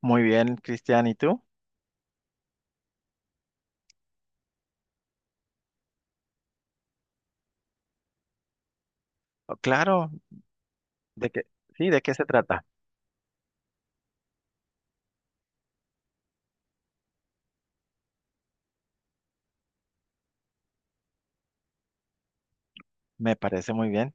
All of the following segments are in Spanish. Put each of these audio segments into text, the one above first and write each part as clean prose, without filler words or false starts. Muy bien, Cristian, ¿y tú? Oh, claro, ¿de qué? Sí, ¿de qué se trata? Me parece muy bien.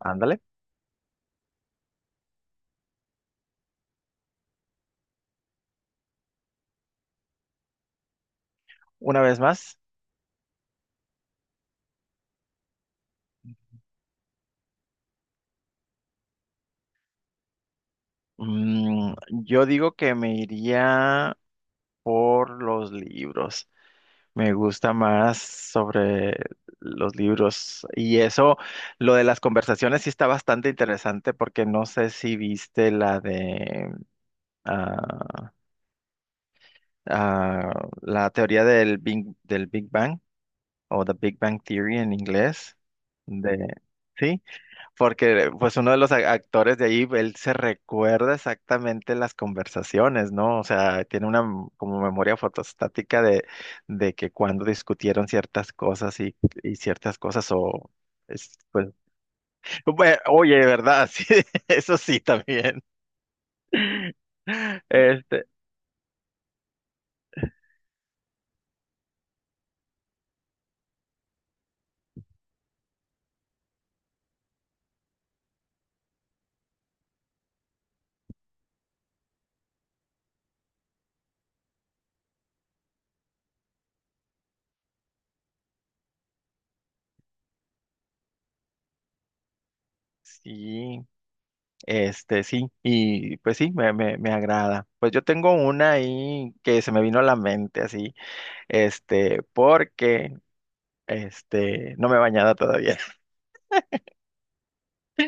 Ándale. Una vez más, mm, yo digo que me iría por los libros. Me gusta más sobre los libros. Y eso, lo de las conversaciones sí está bastante interesante porque no sé si viste la de ah, ah, la teoría del del Big Bang. O The Big Bang Theory en inglés, de, sí, porque pues uno de los actores de ahí, él se recuerda exactamente las conversaciones, ¿no? O sea, tiene una como memoria fotostática de que cuando discutieron ciertas cosas y ciertas cosas o... Pues, oye, ¿verdad? Sí, eso sí también. Este, sí, este, sí, y pues sí, me agrada. Pues yo tengo una ahí que se me vino a la mente así este, porque este, no me he bañado todavía.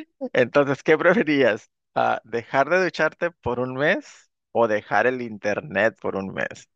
Entonces, ¿qué preferirías? Ah, ¿dejar de ducharte por un mes o dejar el internet por un mes?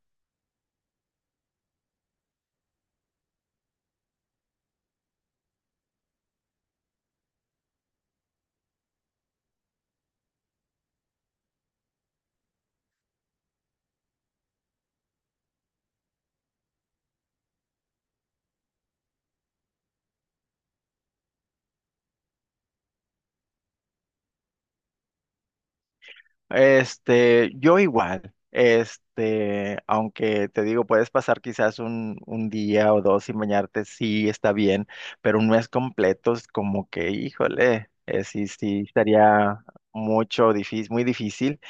Este, yo igual, este, aunque te digo, puedes pasar quizás un día o dos sin bañarte, sí está bien, pero un mes completo es como que, híjole, sí, sí, estaría mucho difícil, muy difícil.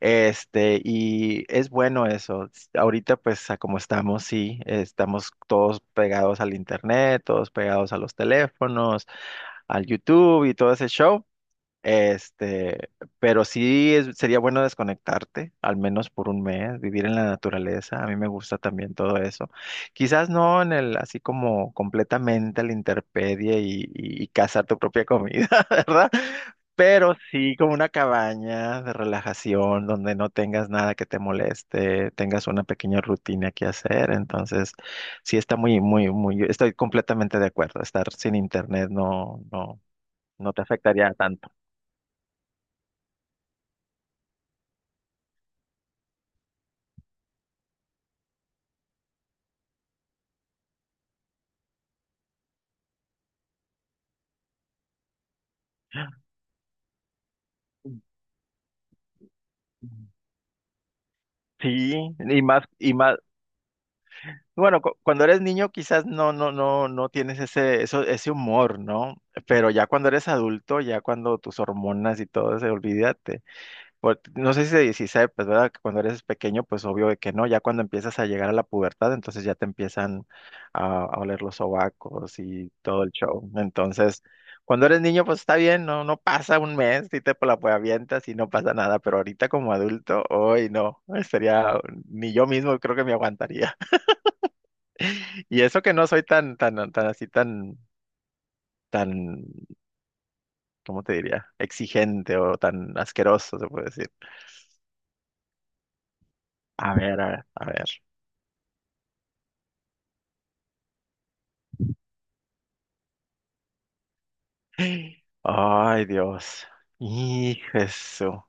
Este, y es bueno eso. Ahorita, pues, a como estamos, sí, estamos todos pegados al internet, todos pegados a los teléfonos, al YouTube y todo ese show. Este, pero sí sería bueno desconectarte, al menos por un mes, vivir en la naturaleza. A mí me gusta también todo eso. Quizás no en el, así como completamente a la intemperie y cazar tu propia comida, ¿verdad? Pero sí como una cabaña de relajación donde no tengas nada que te moleste, tengas una pequeña rutina que hacer. Entonces, sí está muy, muy, muy, estoy completamente de acuerdo. Estar sin internet no, no, no te afectaría tanto. Sí, y más, bueno, cuando eres niño quizás no, no, no, no tienes ese, ese humor, ¿no? Pero ya cuando eres adulto, ya cuando tus hormonas y todo se olvídate. No sé si de 16 pues, ¿verdad? Que cuando eres pequeño, pues obvio de que no. Ya cuando empiezas a llegar a la pubertad, entonces ya te empiezan a oler los sobacos y todo el show. Entonces, cuando eres niño, pues está bien, no, no pasa un mes, si te la pues, avientas y no pasa nada. Pero ahorita como adulto, hoy no, sería, ni yo mismo creo que me aguantaría. Y eso que no soy tan, tan, tan así, tan, tan, ¿cómo te diría? Exigente o tan asqueroso, se puede decir. A ver, a ver, a ver. Ay, Dios. Hijo, eso.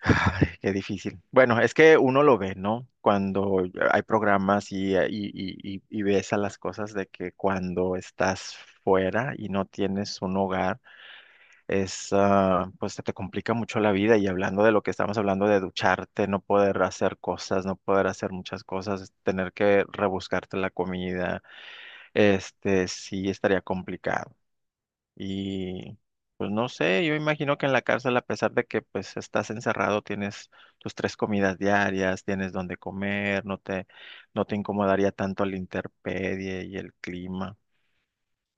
Ay, qué difícil. Bueno, es que uno lo ve, ¿no? Cuando hay programas y ves a las cosas de que cuando estás fuera y no tienes un hogar, ah, pues se te complica mucho la vida. Y hablando de lo que estamos hablando de ducharte, no poder hacer cosas, no poder hacer muchas cosas, tener que rebuscarte la comida, este, sí estaría complicado. Y pues no sé, yo imagino que en la cárcel, a pesar de que pues estás encerrado, tienes tus tres comidas diarias, tienes donde comer, no te incomodaría tanto la intemperie y el clima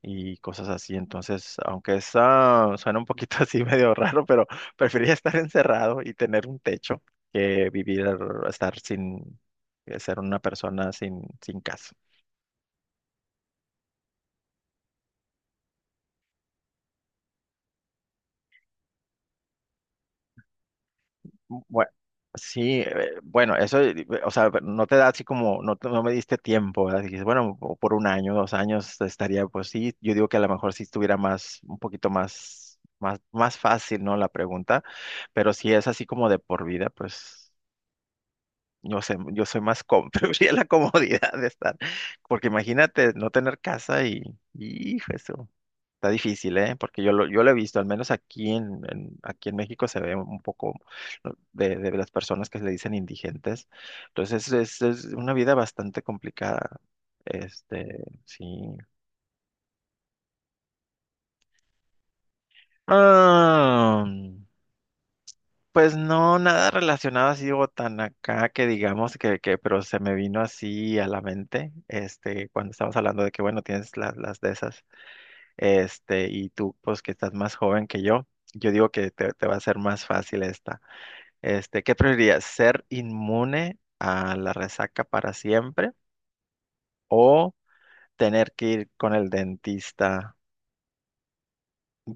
y cosas así. Entonces, aunque eso suena un poquito así medio raro, pero preferiría estar encerrado y tener un techo que vivir, estar sin, ser una persona sin casa. Bueno, sí, bueno, eso, o sea, no te da así como, no, no me diste tiempo, ¿verdad? Dijiste, bueno, o por un año, dos años estaría, pues sí, yo digo que a lo mejor sí estuviera más, un poquito más, más, más fácil, ¿no? La pregunta, pero si es así como de por vida, pues no sé, yo soy más cómodo, preferiría la comodidad de estar, porque imagínate no tener casa y, hijo, eso está difícil, ¿eh? Porque yo lo he visto, al menos aquí en México se ve un poco ¿no? de las personas que le dicen indigentes. Entonces es una vida bastante complicada. Este, sí. Ah, pues no, nada relacionado así digo tan acá que digamos que, pero se me vino así a la mente, este, cuando estábamos hablando de que, bueno, tienes las de esas, este, y tú, pues que estás más joven que yo digo que te va a ser más fácil esta. Este, ¿qué preferirías? ¿Ser inmune a la resaca para siempre o tener que ir con el dentista,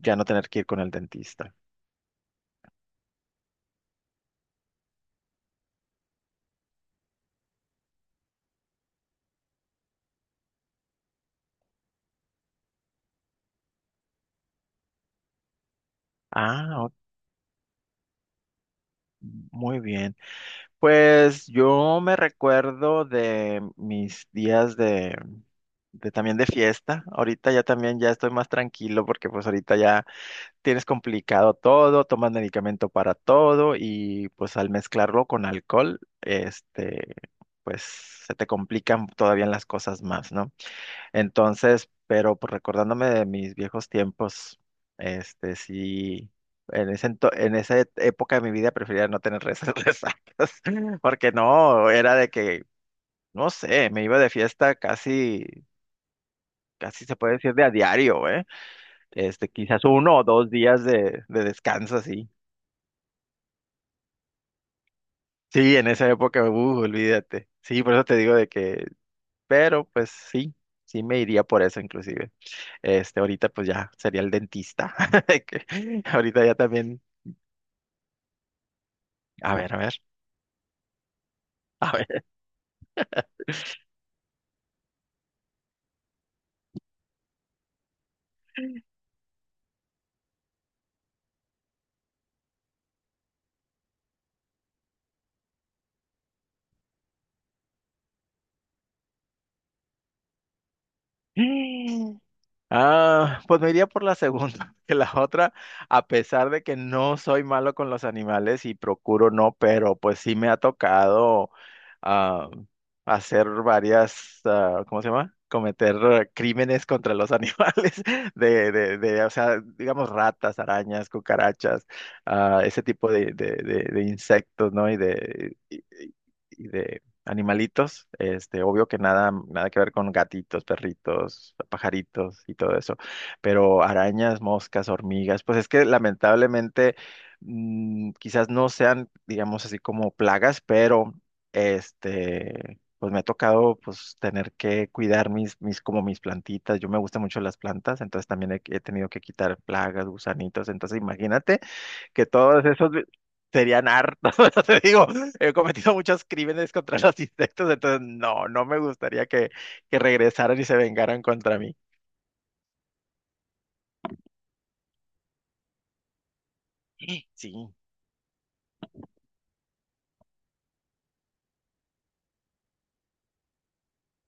ya no tener que ir con el dentista? Ah, ok, muy bien. Pues yo me recuerdo de mis días de también de fiesta. Ahorita ya también ya estoy más tranquilo porque pues ahorita ya tienes complicado todo, tomas medicamento para todo y pues al mezclarlo con alcohol, este, pues se te complican todavía las cosas más, ¿no? Entonces, pero pues, recordándome de mis viejos tiempos, este sí, en ese ento- en esa et- época de mi vida prefería no tener resacas, porque no, era de que, no sé, me iba de fiesta casi, casi se puede decir de a diario, ¿eh? Este, quizás uno o dos días de descanso así. Sí, en esa época, olvídate. Sí, por eso te digo de que, pero pues sí, sí me iría por eso inclusive. Este, ahorita pues ya sería el dentista. Que ahorita ya también. A ver, a ver, a ver. Ah, pues me iría por la segunda, que la otra, a pesar de que no soy malo con los animales y procuro no, pero pues sí me ha tocado ah, hacer varias, ¿cómo se llama? Cometer crímenes contra los animales, o sea, digamos ratas, arañas, cucarachas, ese tipo de insectos, ¿no? Y de animalitos, este, obvio que nada, nada que ver con gatitos, perritos, pajaritos y todo eso, pero arañas, moscas, hormigas, pues es que lamentablemente quizás no sean, digamos así como plagas, pero este, pues me ha tocado pues tener que cuidar mis plantitas, yo me gustan mucho las plantas, entonces también he tenido que quitar plagas, gusanitos, entonces imagínate que todos esos serían hartos. O sea, te digo, he cometido muchos crímenes contra los insectos, entonces no, no me gustaría que regresaran y se vengaran contra mí. Sí,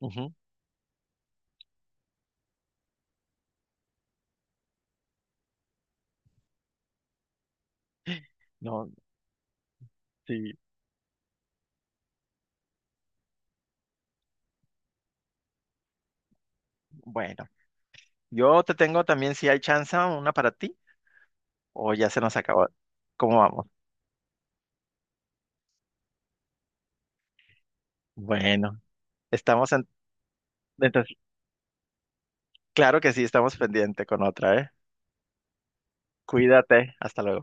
ujú, no, sí. Bueno, yo te tengo también, si hay chance, una para ti, o ya se nos acabó. ¿Cómo vamos? Bueno, estamos en... Entonces, claro que sí, estamos pendiente con otra, ¿eh? Cuídate, hasta luego.